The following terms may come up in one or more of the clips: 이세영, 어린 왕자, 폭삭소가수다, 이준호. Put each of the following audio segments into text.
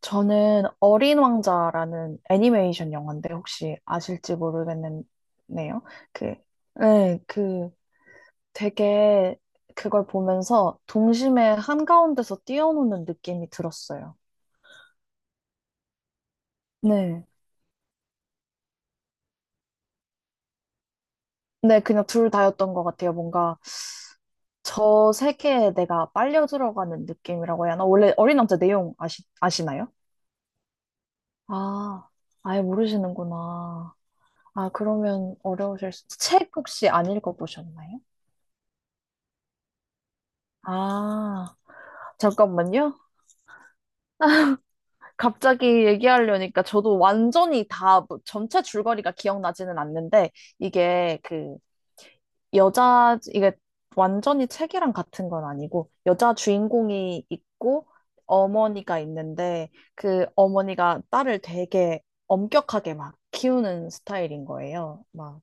저는 어린 왕자라는 애니메이션 영화인데 혹시 아실지 모르겠네요. 그, 네, 그 되게 그걸 보면서 동심의 한가운데서 뛰어노는 느낌이 들었어요. 네. 네, 그냥 둘 다였던 것 같아요. 뭔가 저 세계에 내가 빨려 들어가는 느낌이라고 해야 하나? 원래 어린 왕자 내용 아시나요? 아, 아예 모르시는구나. 아, 그러면 어려우실 수, 책 혹시 안 읽어보셨나요? 아. 잠깐만요. 갑자기 얘기하려니까 저도 완전히 다 전체 줄거리가 기억나지는 않는데 이게 그 여자 이게 완전히 책이랑 같은 건 아니고 여자 주인공이 있고 어머니가 있는데 그 어머니가 딸을 되게 엄격하게 막 키우는 스타일인 거예요. 막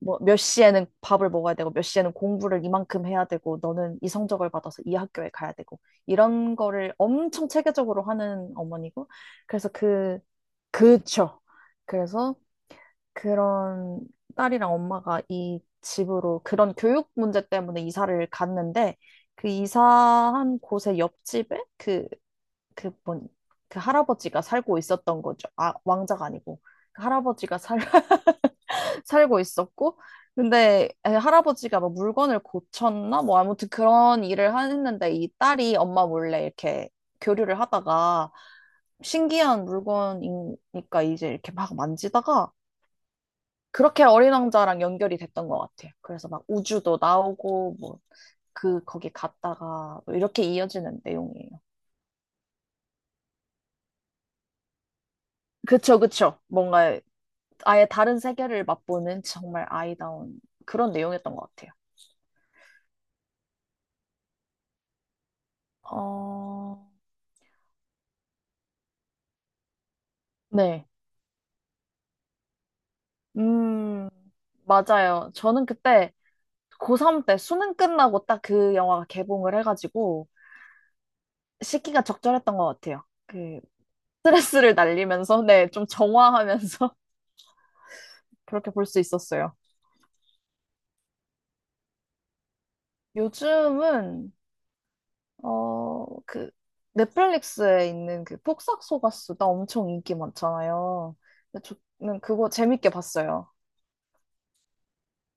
뭐 몇 시에는 밥을 먹어야 되고 몇 시에는 공부를 이만큼 해야 되고 너는 이 성적을 받아서 이 학교에 가야 되고 이런 거를 엄청 체계적으로 하는 어머니고 그래서 그 그쵸 그래서 그런 딸이랑 엄마가 이 집으로 그런 교육 문제 때문에 이사를 갔는데 그 이사한 곳의 옆집에 그그뭔그 할아버지가 살고 있었던 거죠. 아, 왕자가 아니고 그 할아버지가 살 살고 있었고, 근데 할아버지가 뭐 물건을 고쳤나? 뭐 아무튼 그런 일을 했는데 이 딸이 엄마 몰래 이렇게 교류를 하다가 신기한 물건이니까 이제 이렇게 막 만지다가 그렇게 어린 왕자랑 연결이 됐던 것 같아요. 그래서 막 우주도 나오고 뭐 그 거기 갔다가 뭐 이렇게 이어지는 내용이에요. 그쵸, 그쵸. 뭔가 아예 다른 세계를 맛보는 정말 아이다운 그런 내용이었던 것 같아요. 어, 네. 음, 맞아요. 저는 그때 고3 때 수능 끝나고 딱 그 영화가 개봉을 해가지고 시기가 적절했던 것 같아요. 그 스트레스를 날리면서, 네, 좀 정화하면서 그렇게 볼 수 있었어요. 요즘은, 어, 그 넷플릭스에 있는 그 폭삭소가수다 엄청 인기 많잖아요. 근데 저는 그거 재밌게 봤어요.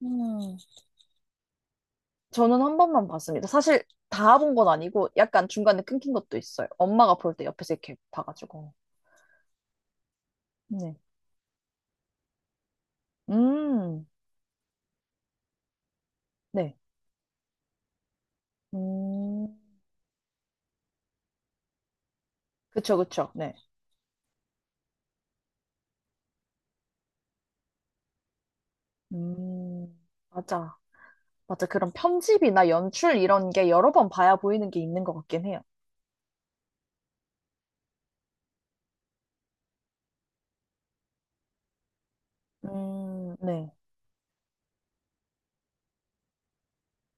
음. 저는 한 번만 봤습니다. 사실 다 본 건 아니고 약간 중간에 끊긴 것도 있어요. 엄마가 볼 때 옆에서 이렇게 봐가지고. 네. 음, 네. 음, 그쵸, 그쵸. 네. 맞아. 맞아. 그런 편집이나 연출 이런 게 여러 번 봐야 보이는 게 있는 것 같긴 해요. 네.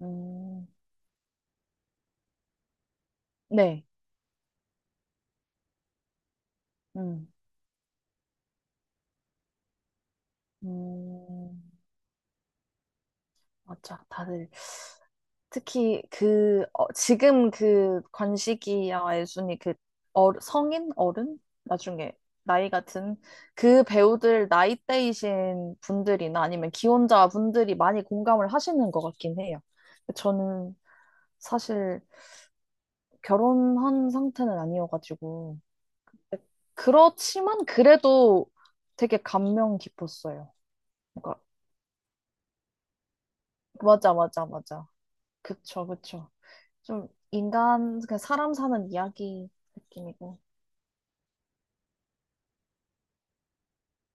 음, 네. 음, 음, 맞아. 다들 특히 그 어, 지금 그 관식이와 예순이 그 어, 성인 어른 나중에 나이 같은 그 배우들 나이대이신 분들이나 아니면 기혼자 분들이 많이 공감을 하시는 것 같긴 해요. 저는 사실 결혼한 상태는 아니어가지고 그렇지만 그래도 되게 감명 깊었어요. 그러니까 맞아. 그쵸 그쵸. 좀 인간 그냥 사람 사는 이야기 느낌이고.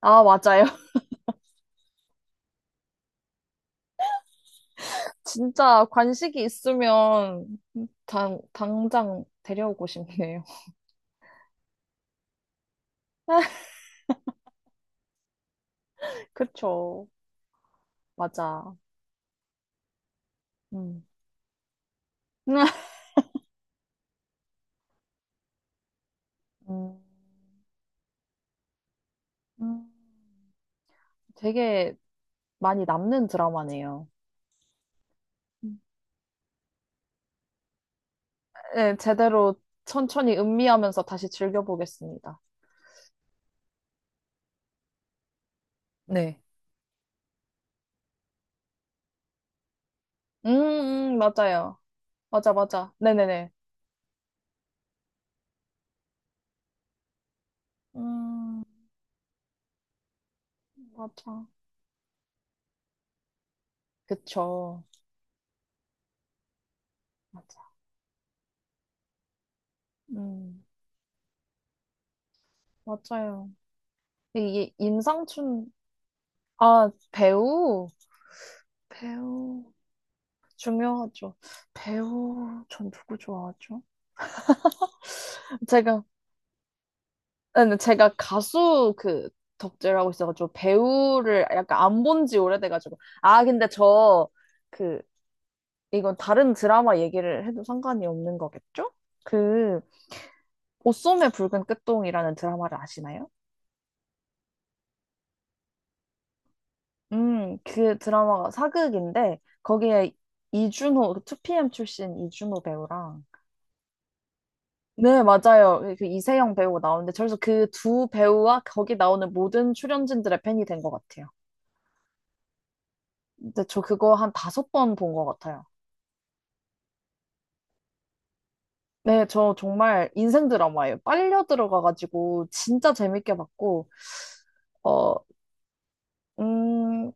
아, 맞아요. 진짜 관식이 있으면 당장 데려오고 싶네요. 그쵸. 맞아. 음. 음, 음, 되게 많이 남는 드라마네요. 음. 네, 제대로 천천히 음미하면서 다시 즐겨보겠습니다. 네. 맞아요. 맞아, 맞아. 네네네. 음, 맞아. 그쵸. 맞아. 음, 맞아요. 이게 임상춘, 아, 배우? 배우 중요하죠. 배우 전 누구 좋아하죠? 제가 아니, 제가 가수 그 덕질을 하고 있어가지고 배우를 약간 안 본지 오래돼가지고 아 근데 저 그 이건 다른 드라마 얘기를 해도 상관이 없는 거겠죠? 그 옷소매 붉은 끝동이라는 드라마를 아시나요? 그 드라마가 사극인데 거기에 이준호 2PM 출신 이준호 배우랑 네, 맞아요. 그 이세영 배우 나오는데, 그래서 그 두 배우와 거기 나오는 모든 출연진들의 팬이 된 것 같아요. 근데 저 그거 한 5번 본 것 같아요. 네, 저 정말 인생 드라마예요. 빨려 들어가가지고 진짜 재밌게 봤고, 어, 음,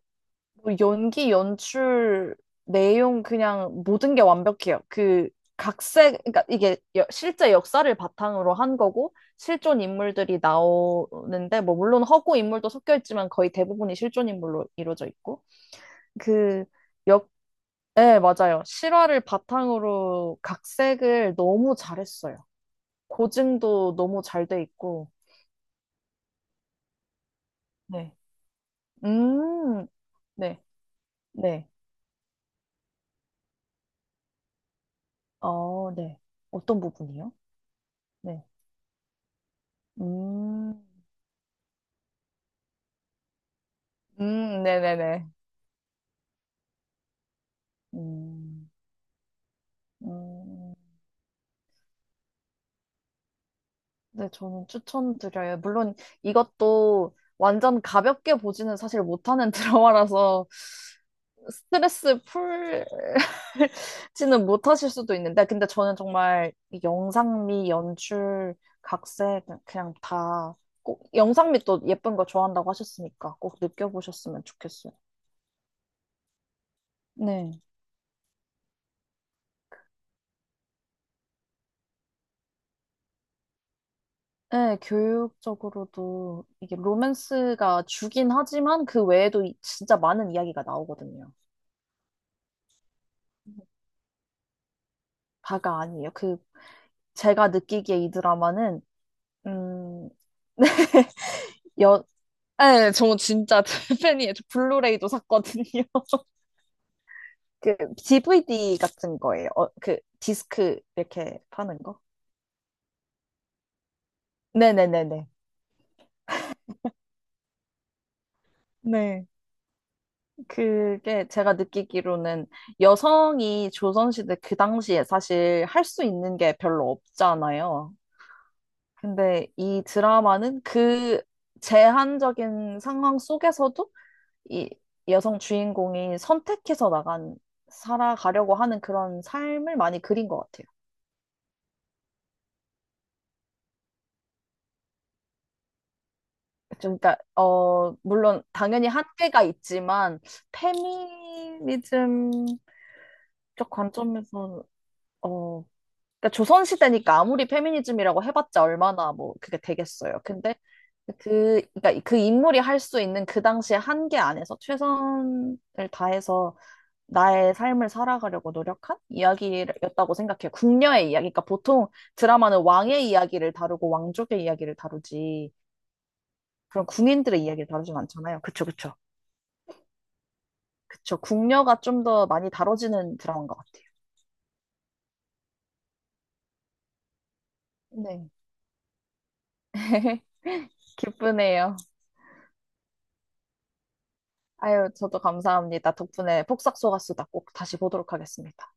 뭐 연기, 연출, 내용 그냥 모든 게 완벽해요. 그 각색, 그러니까 이게 실제 역사를 바탕으로 한 거고 실존 인물들이 나오는데 뭐 물론 허구 인물도 섞여 있지만 거의 대부분이 실존 인물로 이루어져 있고 그 역, 네, 맞아요. 실화를 바탕으로 각색을 너무 잘했어요. 고증도 너무 잘 돼 있고. 네. 음, 네, 네. 어, 네. 어떤 부분이요? 네. 음. 네네네. 음, 음, 네, 저는 추천드려요. 물론 이것도 완전 가볍게 보지는 사실 못하는 드라마라서 스트레스 풀지는 못하실 수도 있는데, 근데 저는 정말 이 영상미, 연출, 각색, 그냥 다 꼭, 영상미 또 예쁜 거 좋아한다고 하셨으니까 꼭 느껴보셨으면 좋겠어요. 네. 네, 교육적으로도 이게 로맨스가 주긴 하지만 그 외에도 진짜 많은 이야기가 나오거든요. 다가 아니에요. 그 제가 느끼기에 이 드라마는 음, 여, 네, 저 진짜 팬이에요. 저 블루레이도 샀거든요. 그 DVD 같은 거예요. 어, 그 디스크 이렇게 파는 거? 네네네네. 네. 그게 제가 느끼기로는 여성이 조선시대 그 당시에 사실 할 수 있는 게 별로 없잖아요. 근데 이 드라마는 그 제한적인 상황 속에서도 이 여성 주인공이 선택해서 나간, 살아가려고 하는 그런 삶을 많이 그린 것 같아요. 좀, 그러니까, 어, 물론 당연히 한계가 있지만, 페미니즘 적 관점에서, 어, 그러니까 조선시대니까 아무리 페미니즘이라고 해봤자 얼마나 뭐 그게 되겠어요. 근데 그러니까 그 인물이 할 수 있는 그 당시의 한계 안에서 최선을 다해서 나의 삶을 살아가려고 노력한 이야기였다고 생각해요. 궁녀의 이야기. 그러니까 보통 드라마는 왕의 이야기를 다루고 왕족의 이야기를 다루지 그런 군인들의 이야기를 다루진 않잖아요. 그쵸, 그쵸. 그쵸. 궁녀가 좀 더 많이 다뤄지는 드라마인 것 같아요. 네. 기쁘네요. 아유, 저도 감사합니다. 덕분에 폭삭 속았수다 꼭 다시 보도록 하겠습니다.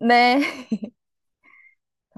네.